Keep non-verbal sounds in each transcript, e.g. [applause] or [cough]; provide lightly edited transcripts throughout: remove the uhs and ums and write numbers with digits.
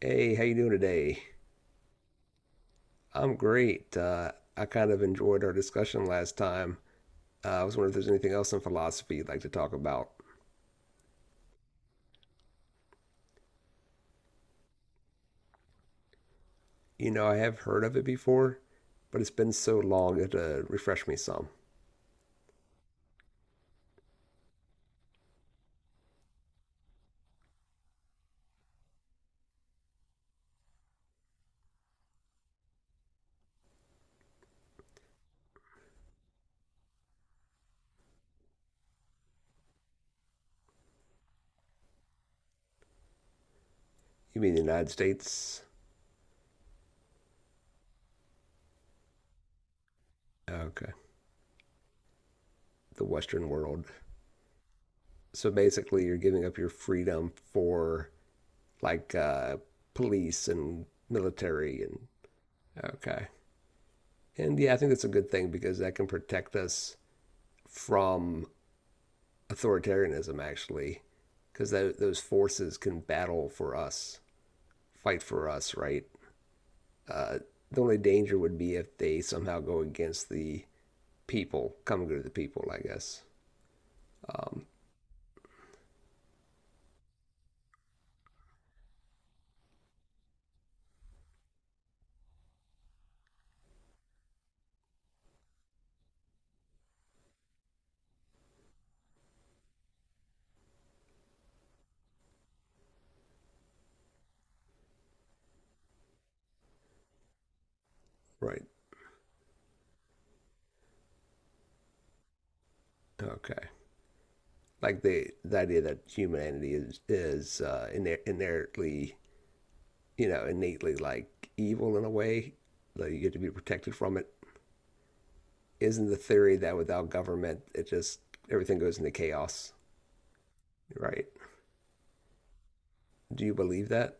Hey, how you doing today? I'm great. I kind of enjoyed our discussion last time. I was wondering if there's anything else in philosophy you'd like to talk about. You know, I have heard of it before, but it's been so long it refreshed me some. You mean the United States? Okay, the Western world. So basically, you're giving up your freedom for like police and military and okay. And yeah, I think that's a good thing because that can protect us from authoritarianism actually, because those forces can battle for us, fight for us, right? Uh, the only danger would be if they somehow go against the people, coming to the people, I guess. Um, right. Okay. Like the idea that humanity is inherently, you know, innately like evil in a way that you get to be protected from it. Isn't the theory that without government, it just everything goes into chaos, right? Do you believe that?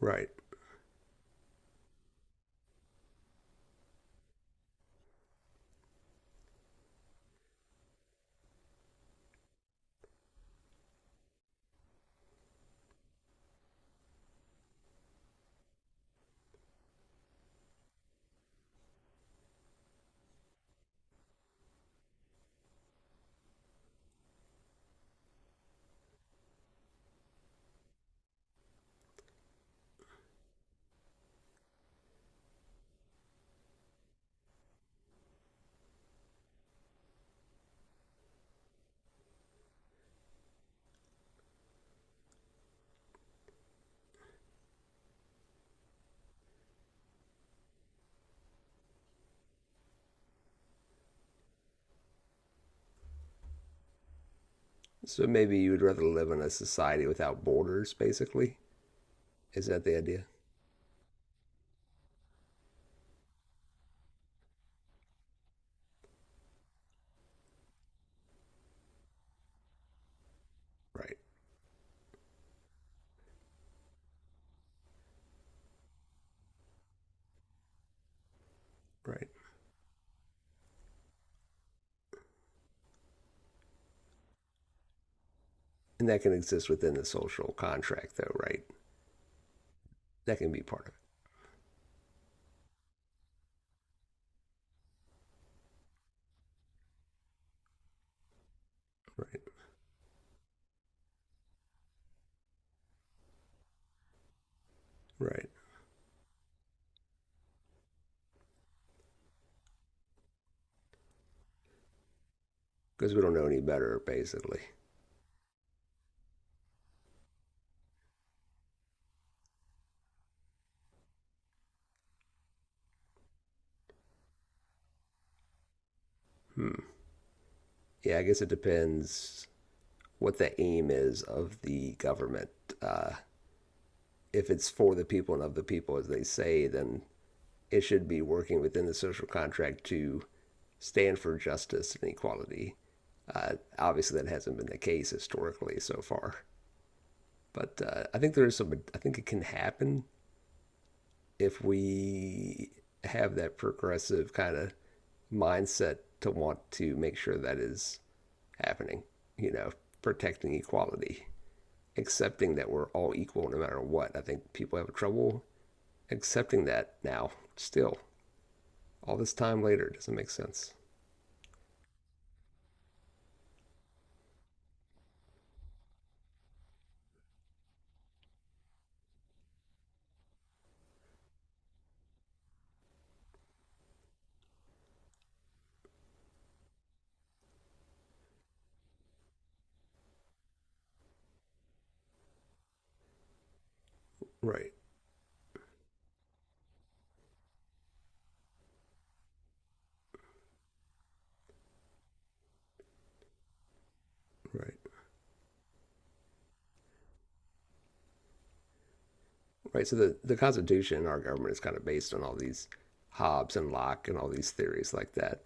Right. So maybe you would rather live in a society without borders, basically? Is that the idea? Right, right. And that can exist within the social contract, though, right? That can be part of it. Right, right. Because we don't know any better, basically. Hmm. Yeah, I guess it depends what the aim is of the government. Uh, if it's for the people and of the people, as they say, then it should be working within the social contract to stand for justice and equality. Obviously, that hasn't been the case historically so far, but I think there is some. I think it can happen if we have that progressive kind of mindset to want to make sure that is happening. You know, protecting equality, accepting that we're all equal no matter what. I think people have trouble accepting that now. Still, all this time later, it doesn't make sense. Right, right, right. So the Constitution in our government is kind of based on all these Hobbes and Locke and all these theories like that.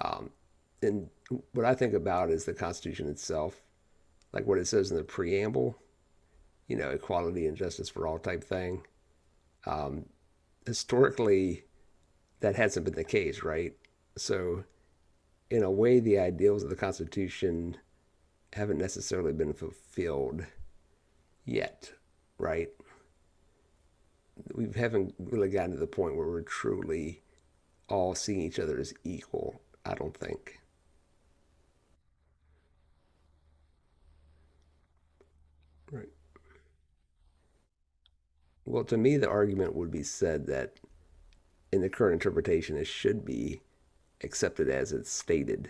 Um, and what I think about is the Constitution itself, like what it says in the preamble, you know, equality and justice for all type thing. Historically, that hasn't been the case, right? So, in a way, the ideals of the Constitution haven't necessarily been fulfilled yet, right? We haven't really gotten to the point where we're truly all seeing each other as equal, I don't think. Right. Well, to me, the argument would be said that in the current interpretation, it should be accepted as it's stated,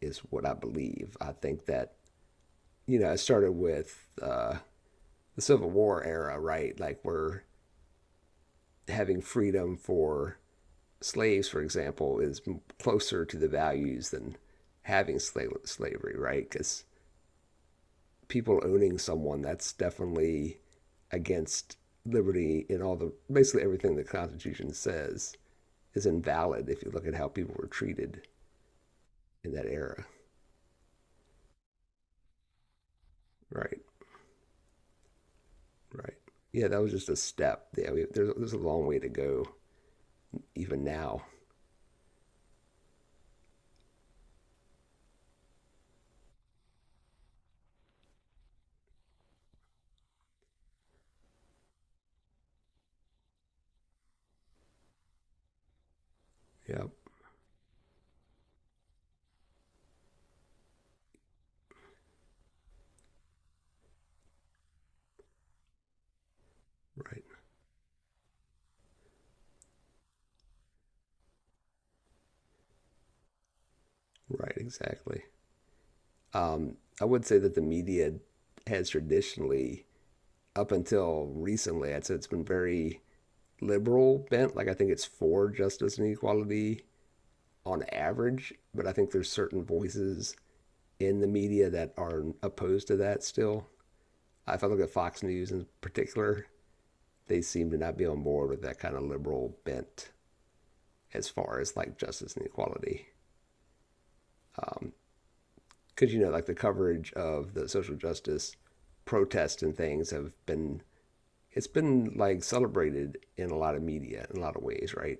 is what I believe. I think that, you know, it started with the Civil War era, right? Like, we're having freedom for slaves, for example, is closer to the values than having slavery, right? Because people owning someone, that's definitely against liberty in all the basically everything the Constitution says is invalid if you look at how people were treated in that era. Right, right. Yeah, that was just a step. Yeah, there's a long way to go even now. Yeah, right, right, exactly. I would say that the media has traditionally, up until recently, I'd say it's been very liberal bent. Like I think it's for justice and equality on average, but I think there's certain voices in the media that are opposed to that still. If I look at Fox News in particular, they seem to not be on board with that kind of liberal bent as far as like justice and equality. Um, Because, you know, like the coverage of the social justice protests and things have been, it's been like celebrated in a lot of media in a lot of ways, right?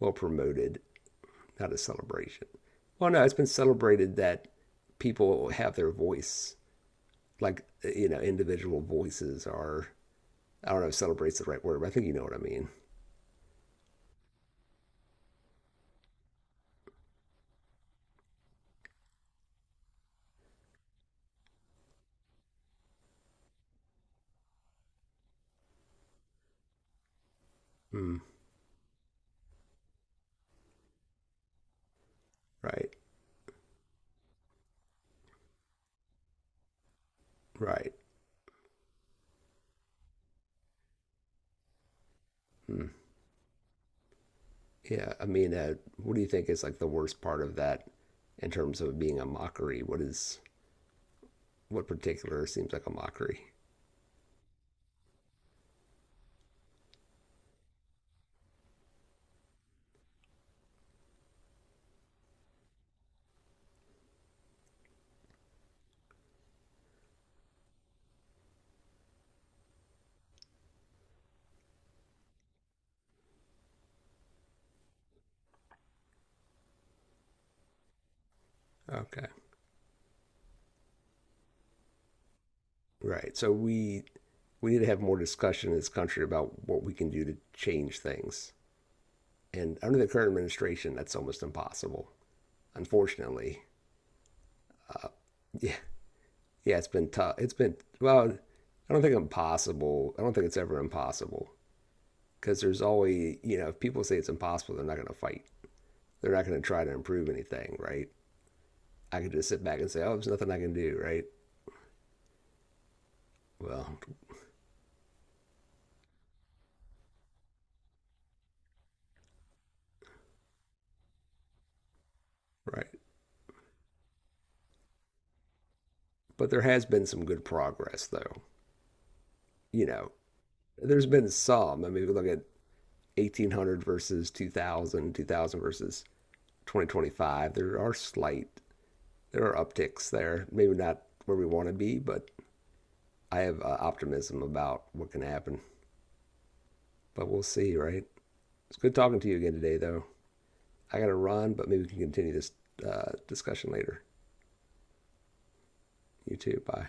Well promoted, not a celebration. Well, no, it's been celebrated that people have their voice like you know individual voices are I don't know if celebrates the right word, but I think you know what I mean. Mm. Right, right. Mm. Yeah, I mean, what do you think is like the worst part of that in terms of being a mockery? What is what particular seems like a mockery? Okay, right. So we need to have more discussion in this country about what we can do to change things. And under the current administration, that's almost impossible. Unfortunately, [laughs] yeah, yeah, it's been tough. It's been well. I don't think impossible. I don't think it's ever impossible because there's always you know if people say it's impossible, they're not going to fight. They're not going to try to improve anything, right? I could just sit back and say, oh, there's nothing I can do, right? Well, right. But there has been some good progress, though. You know, there's been some. I mean, if you look at 1800 versus 2000, 2000 versus 2025. There are slight, there are upticks there. Maybe not where we want to be, but I have optimism about what can happen, but we'll see, right? It's good talking to you again today, though. I got to run, but maybe we can continue this discussion later. You too. Bye.